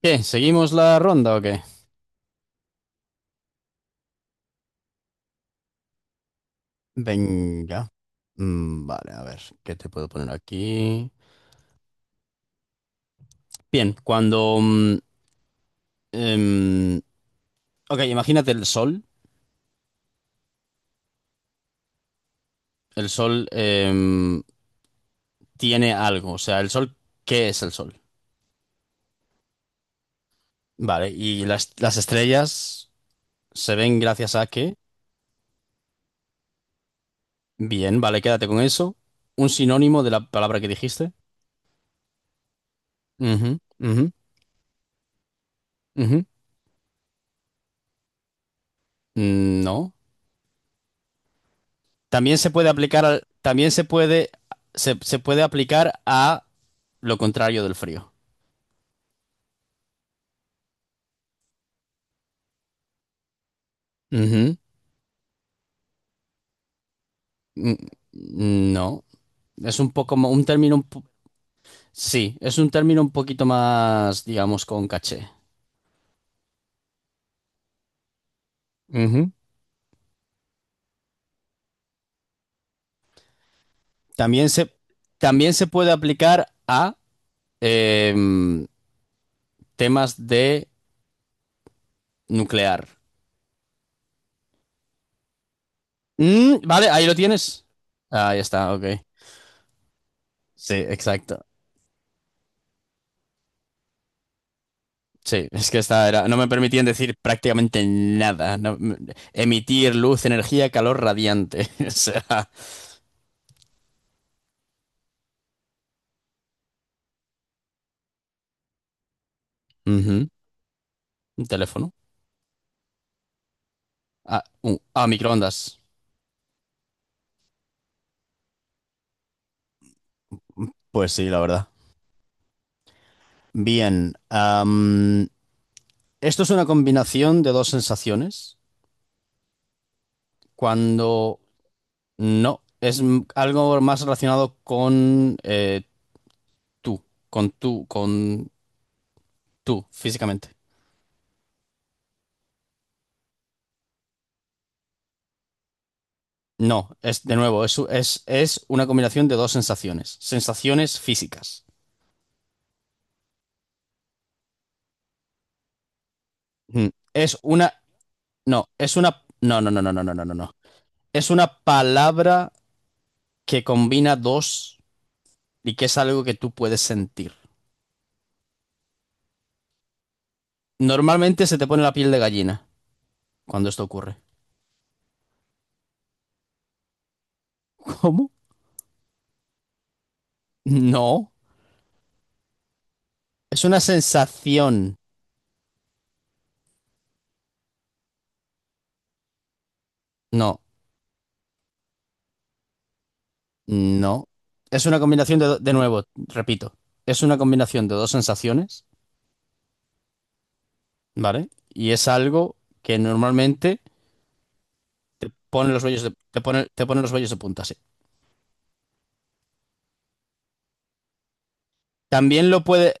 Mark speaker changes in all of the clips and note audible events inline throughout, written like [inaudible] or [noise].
Speaker 1: ¿Qué? ¿Seguimos la ronda o qué? Venga. Vale, a ver, ¿qué te puedo poner aquí? Bien, cuando... mm, em, ok, imagínate el sol. El sol tiene algo. O sea, el sol, ¿qué es el sol? Vale, y las estrellas se ven gracias a qué. Bien, vale, quédate con eso. Un sinónimo de la palabra que dijiste. Ujú, ujú, ujú. Mm, no. También se puede aplicar al, también se puede, se puede aplicar a lo contrario del frío. Ujú. Mm, No, es un poco mo- un término, un po- sí, es un término un poquito más, digamos, con caché. Ujú. También se, también se puede aplicar a em, temas de nuclear. Mm, vale, ahí lo tienes. Ahí está, ok. Sí, exacto. Sí, es que esta era, no me permitían decir prácticamente nada. No- m- emitir luz, energía, calor radiante. [laughs] O sea, ujú. Un teléfono. A microondas. Pues sí, la verdad. Bien. Esto es una combinación de dos sensaciones. Cuando no, es m- algo más relacionado con tú, con tú, con tú, físicamente. No, es de nuevo, es una combinación de dos sensaciones. Sensaciones físicas. Mm, es una. No, es una. No, no, no, no, no, no, no, no, no. Es una palabra que combina dos y que es algo que tú puedes sentir. Normalmente se te pone la piel de gallina cuando esto ocurre. [laughs] ¿Cómo? No. Es una sensación. No, no. Es una combinación de, do- de nuevo, repito. Es una combinación de dos sensaciones, ¿vale? Y es algo que normalmente te pone los vellos de, te pone los vellos de punta, sí. También lo puede,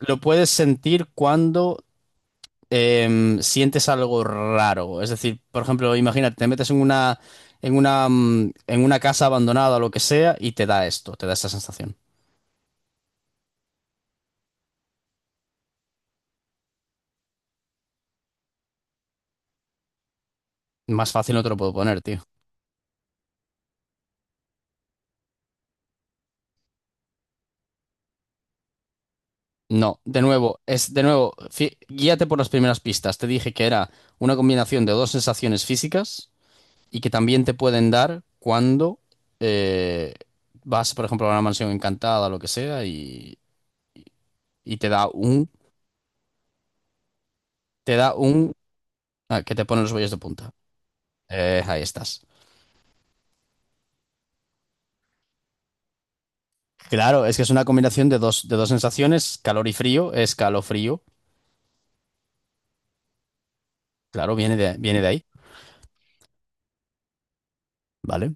Speaker 1: lo puedes sentir cuando sientes algo raro. Es decir, por ejemplo, imagínate, te metes en una, en una casa abandonada o lo que sea y te da esto, te da esta sensación. Más fácil no te lo puedo poner, tío. No, de nuevo, es de nuevo, fí- guíate por las primeras pistas. Te dije que era una combinación de dos sensaciones físicas y que también te pueden dar cuando eh, vas, por ejemplo, a una mansión encantada o lo que sea y te da un, ah, que te pone los vellos de punta. Ahí estás. Claro, es que es una combinación de dos sensaciones, calor y frío, escalofrío. Claro, viene de ahí, ¿vale?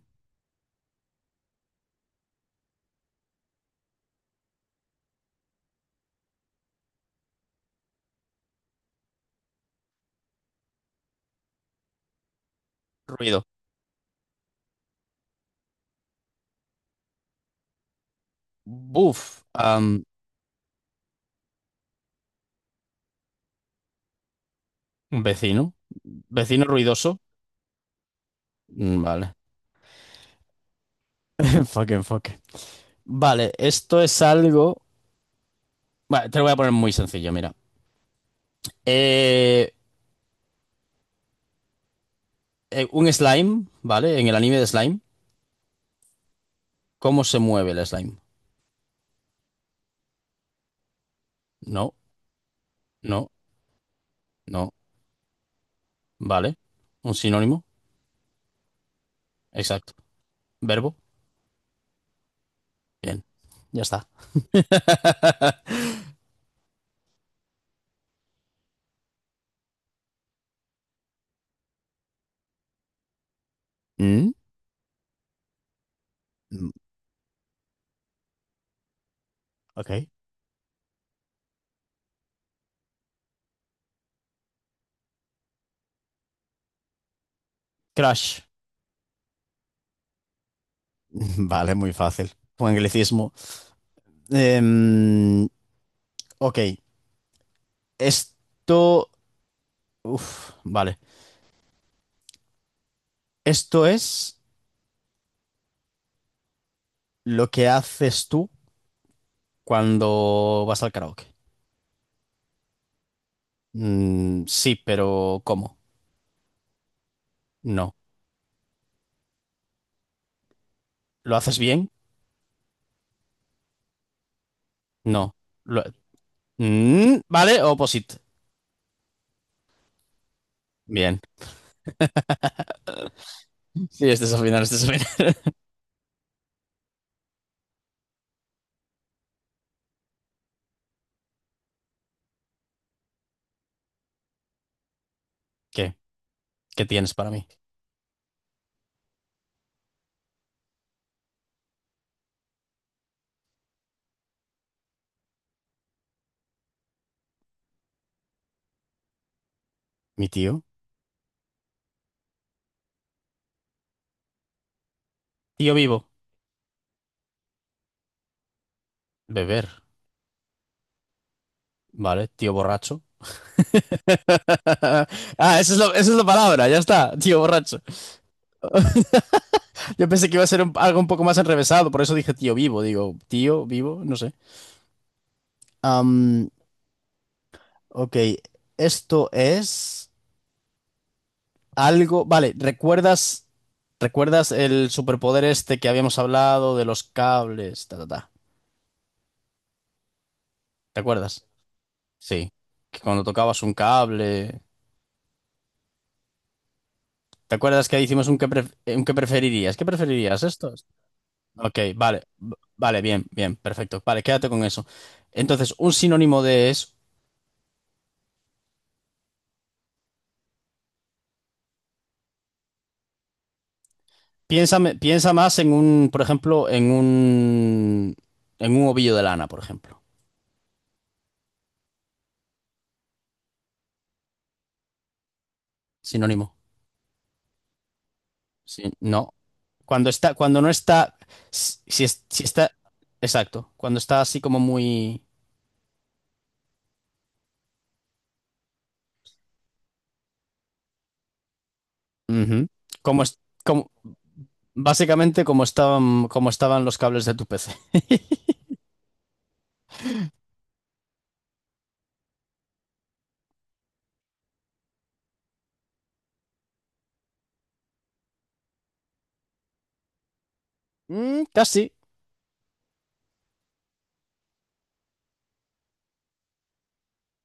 Speaker 1: Ruido. Buf. Vecino. Vecino ruidoso. Mm, vale. [laughs] Enfoque, enfoque. Vale, esto es algo. Vale, te lo voy a poner muy sencillo, mira. Eh, un slime, ¿vale? En el anime de slime, ¿cómo se mueve el slime? No, no, no. Vale. Un sinónimo. Exacto. Verbo. Bien. Ya está. [laughs] Mm, ok. Crash. [laughs] Vale, muy fácil. Un anglicismo. Em, ok. Esto. Uf, vale. Esto es lo que haces tú cuando vas al karaoke. Mm, sí, pero ¿cómo? No. ¿Lo haces bien? No. Lo- mm, vale, opposite. Bien. Sí, este es el final, este es el final. [laughs] ¿Qué? ¿Qué tienes para mí? ¿Mi tío? Tío vivo. Beber. Vale. Tío borracho. [laughs] Ah, esa es la palabra, ya está, tío borracho. Yo pensé que iba a ser un- algo un poco más enrevesado, por eso dije tío vivo, digo, tío vivo, no sé. Am, ok, esto es algo, vale, ¿recuerdas, recuerdas el superpoder este que habíamos hablado de los cables, ta, ta, ta? ¿Te acuerdas? Sí, que cuando tocabas un cable, ¿te acuerdas que hicimos un que, pref- un que preferirías? ¿Qué preferirías esto? Ok, vale, v- vale, bien, bien, perfecto. Vale, quédate con eso. Entonces, un sinónimo de es, piénsame- piensa más en un, por ejemplo, en un ovillo de lana, por ejemplo. Sinónimo. Sí, no. Cuando está, cuando no está, si, si es- si está, exacto, cuando está así como muy, ujú, como, es- como, básicamente como estaban los cables de tu PC. [laughs] Mm, casi.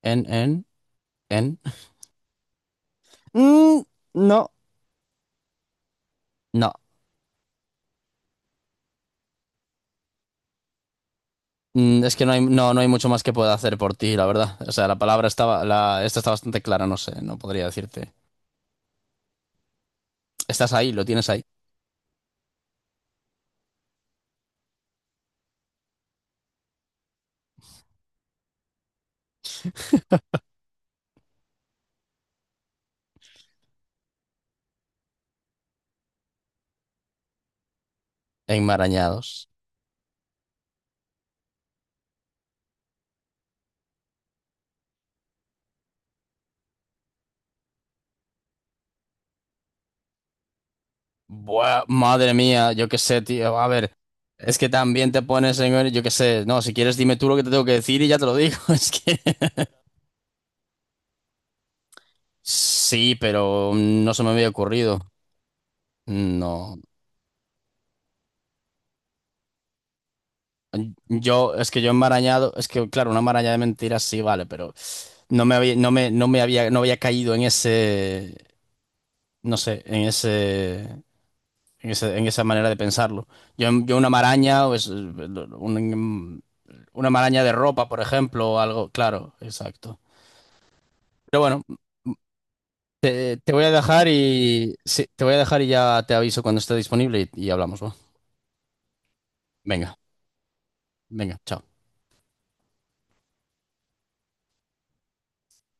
Speaker 1: En, en, en. Mm, no, no. Mm, es que no hay, no, no hay mucho más que pueda hacer por ti, la verdad. O sea, la palabra estaba, la, esta está bastante clara, no sé, no podría decirte. Estás ahí, lo tienes ahí, enmarañados. Buah, madre mía, yo qué sé, tío. A ver, es que también te pones en, yo qué sé, no, si quieres dime tú lo que te tengo que decir y ya te lo digo. [laughs] Es que sí, pero no se me había ocurrido. No. Yo, es que yo enmarañado, es que claro, una maraña de mentiras sí, vale, pero no me había, no me, no me había, no había caído en ese, no sé, en ese, en ese- en esa manera de pensarlo. Yo una maraña, pues, un- una maraña de ropa, por ejemplo, o algo, claro, exacto. Pero bueno, te voy a dejar y sí, te voy a dejar y ya te aviso cuando esté disponible y hablamos, ¿va? Venga, venga, chao.